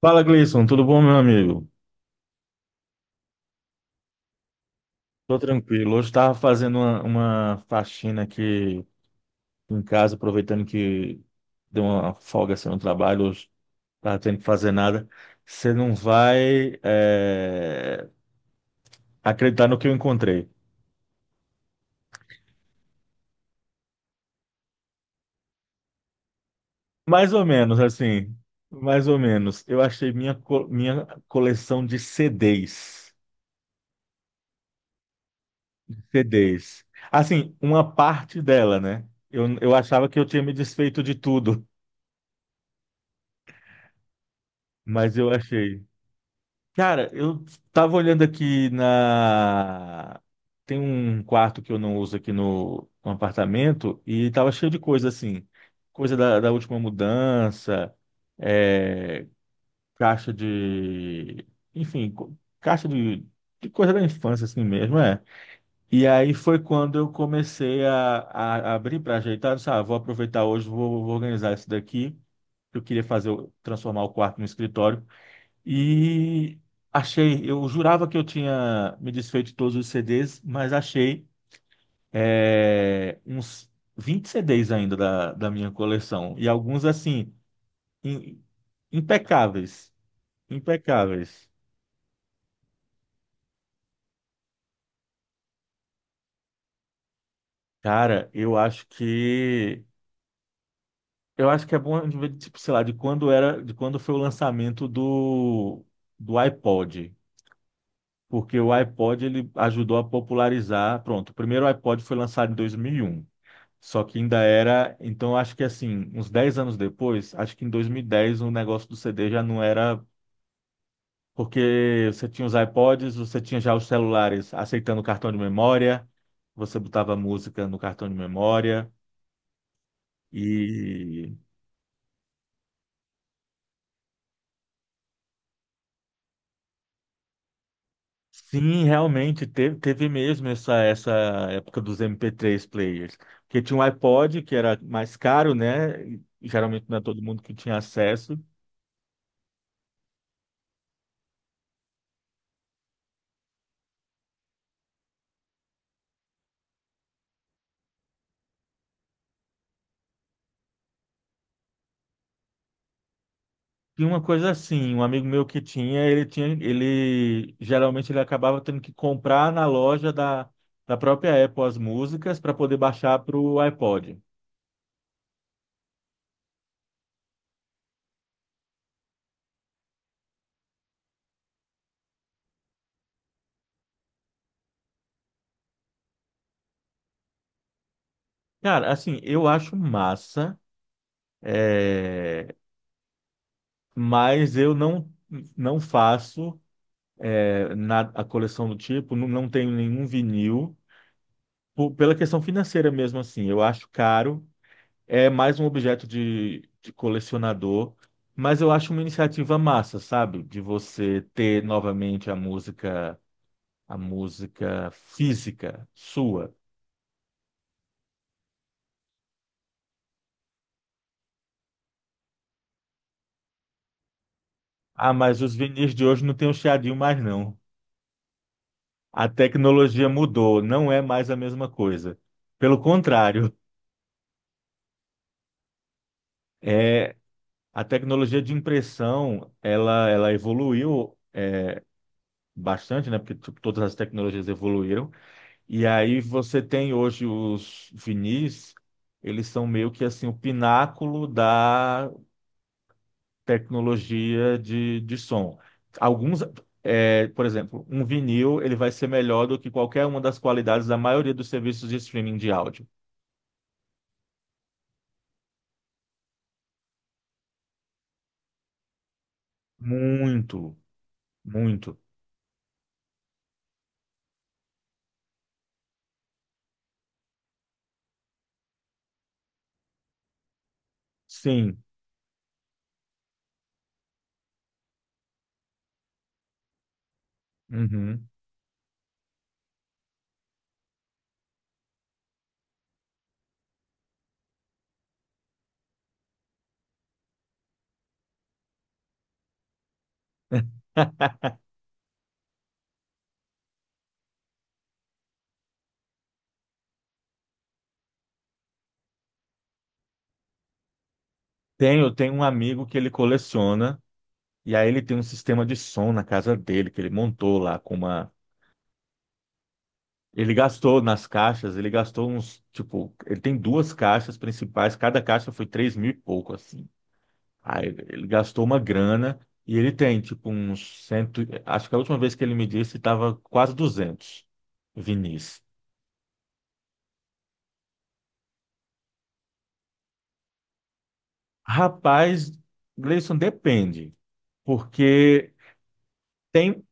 Fala, Gleison, tudo bom, meu amigo? Tô tranquilo. Hoje estava fazendo uma faxina aqui em casa, aproveitando que deu uma folga assim, no trabalho, hoje estava tendo que fazer nada. Você não vai acreditar no que eu encontrei. Mais ou menos, assim, mais ou menos. Eu achei minha coleção de CDs. CDs. Assim, uma parte dela, né? Eu achava que eu tinha me desfeito de tudo, mas eu achei. Cara, eu tava olhando aqui na. Tem um quarto que eu não uso aqui no apartamento e tava cheio de coisa assim. Coisa da última mudança, é, caixa de. Enfim, caixa de coisa da infância assim mesmo, é. E aí foi quando eu comecei a abrir para ajeitar. Eu disse, ah, vou aproveitar hoje, vou organizar isso daqui. Eu queria transformar o quarto no escritório. E achei, eu jurava que eu tinha me desfeito de todos os CDs, mas achei uns 20 CDs ainda da minha coleção. E alguns, assim, im- impecáveis. Impecáveis. Cara, eu acho que. Eu acho que é bom, a gente ver, tipo, sei lá, de quando era, de quando foi o lançamento do iPod. Porque o iPod ele ajudou a popularizar. Pronto, o primeiro iPod foi lançado em 2001. Só que ainda era, então acho que assim, uns 10 anos depois, acho que em 2010 o negócio do CD já não era, porque você tinha os iPods, você tinha já os celulares aceitando cartão de memória, você botava música no cartão de memória, e sim, realmente teve mesmo essa época dos MP3 players, porque tinha um iPod que era mais caro, né? E geralmente não é todo mundo que tinha acesso. Tinha uma coisa assim, um amigo meu que tinha, ele geralmente ele acabava tendo que comprar na loja da própria Apple as músicas para poder baixar para o iPod. Cara, assim, eu acho massa, é, mas eu não faço a coleção do tipo, não, não tenho nenhum vinil, pela questão financeira mesmo assim, eu acho caro é mais um objeto de colecionador, mas eu acho uma iniciativa massa, sabe? De você ter novamente a música física sua. Ah, mas os vinis de hoje não tem o chiadinho mais, não. A tecnologia mudou, não é mais a mesma coisa. Pelo contrário, é a tecnologia de impressão, ela evoluiu bastante, né? Porque tipo, todas as tecnologias evoluíram. E aí você tem hoje os vinis, eles são meio que assim o pináculo da tecnologia de som. Alguns, é, por exemplo, um vinil ele vai ser melhor do que qualquer uma das qualidades da maioria dos serviços de streaming de áudio. Muito, muito. Sim. Uhum. Tenho um amigo que ele coleciona, e aí ele tem um sistema de som na casa dele, que ele montou lá com uma. Ele gastou nas caixas, ele gastou uns, tipo, ele tem duas caixas principais, cada caixa foi 3 mil e pouco, assim. Aí ele gastou uma grana e ele tem, tipo, uns 100, acho que a última vez que ele me disse estava quase 200 vinis. Rapaz, Gleison, depende, porque tem,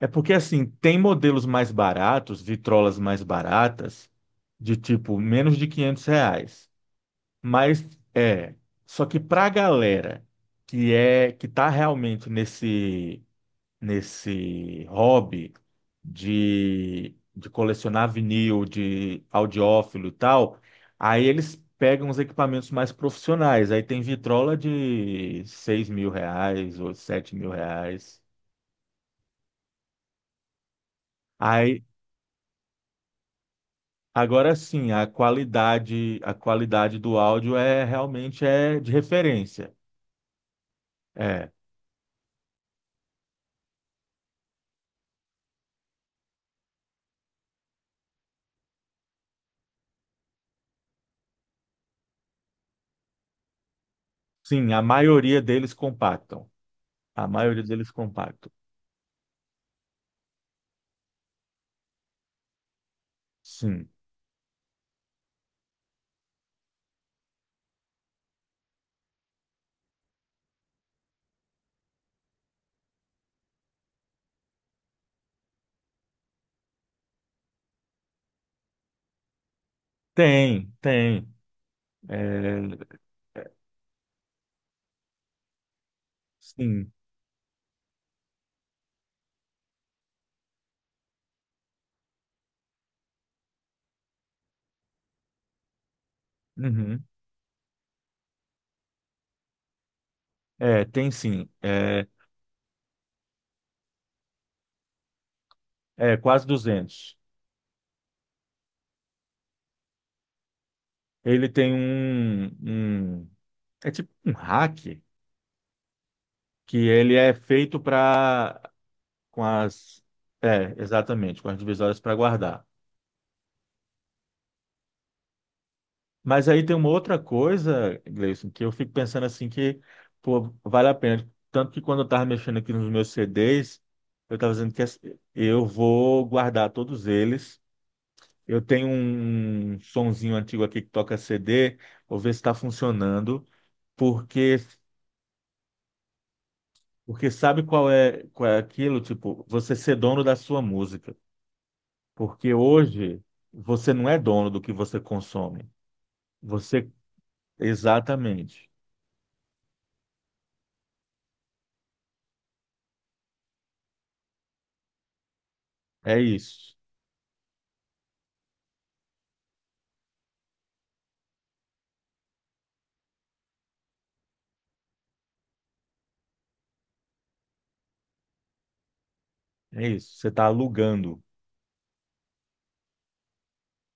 é porque assim, tem modelos mais baratos, vitrolas mais baratas, de tipo, menos de R$ 500. Mas é, só que pra galera que é que tá realmente nesse hobby de colecionar vinil, de audiófilo e tal, aí eles pegam os equipamentos mais profissionais. Aí tem vitrola de R$ 6.000 ou R$ 7.000. Aí agora sim, a qualidade do áudio é realmente é de referência. É, sim, a maioria deles compactam. A maioria deles compacto. Sim. Tem, tem. É, sim. Uhum. É, tem sim. É, é quase 200. Ele tem um- É tipo um hack que ele é feito para... Com as... É, exatamente. Com as divisórias para guardar. Mas aí tem uma outra coisa, Gleison, que eu fico pensando assim que, pô, vale a pena. Tanto que quando eu estava mexendo aqui nos meus CDs, eu estava dizendo que assim, eu vou guardar todos eles. Eu tenho um sonzinho antigo aqui que toca CD, vou ver se está funcionando, porque porque sabe qual é aquilo? Tipo, você ser dono da sua música. Porque hoje você não é dono do que você consome. Você, exatamente, é isso. É isso, você está alugando.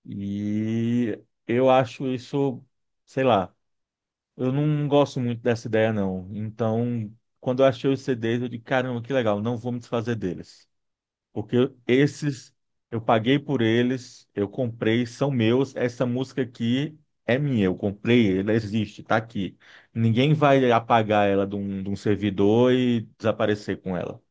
E eu acho isso, sei lá, eu não gosto muito dessa ideia, não. Então, quando eu achei os CDs, eu digo, caramba, que legal, não vou me desfazer deles. Porque esses, eu paguei por eles, eu comprei, são meus, essa música aqui é minha, eu comprei, ela existe, está aqui. Ninguém vai apagar ela de um servidor e desaparecer com ela.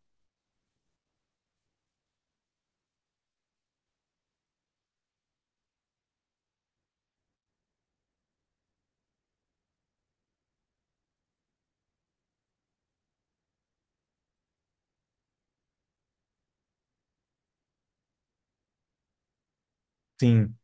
Sim,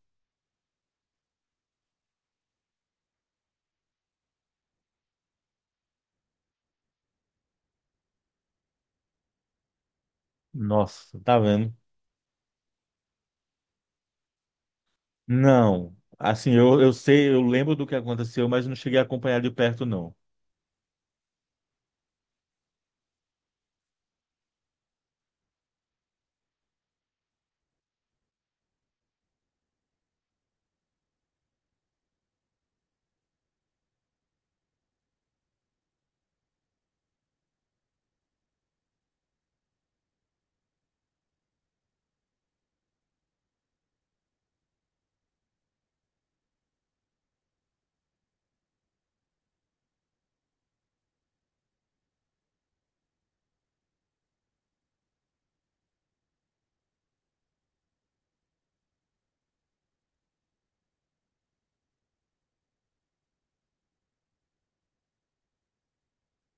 nossa, tá vendo? Não. Assim, eu sei, eu lembro do que aconteceu, mas não cheguei a acompanhar de perto, não.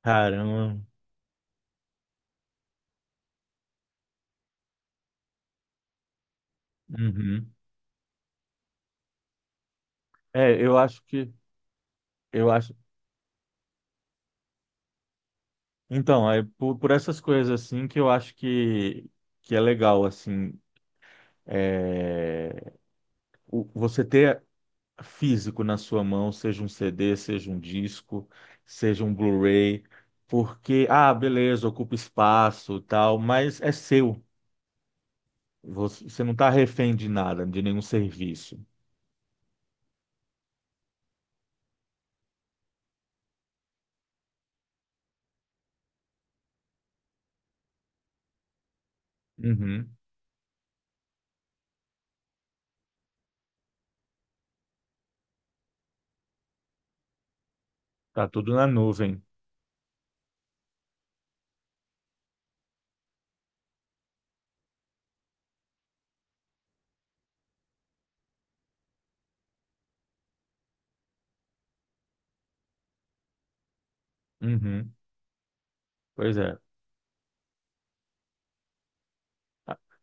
Caramba. Uhum. É, eu acho. Então, por essas coisas assim que eu acho que é legal, assim, é, o- você ter físico na sua mão, seja um CD, seja um disco, seja um Blu-ray, porque, ah, beleza, ocupa espaço, e tal, mas é seu. Você não está refém de nada, de nenhum serviço. Uhum. Tá tudo na nuvem. Uhum. Pois é.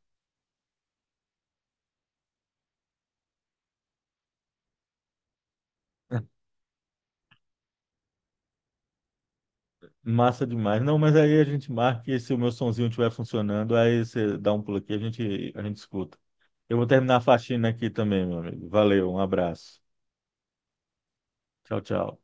Ah, massa demais. Não, mas aí a gente marca e se o meu sonzinho estiver funcionando, aí você dá um pulo aqui, a gente escuta. Eu vou terminar a faxina aqui também, meu amigo. Valeu, um abraço. Tchau, tchau.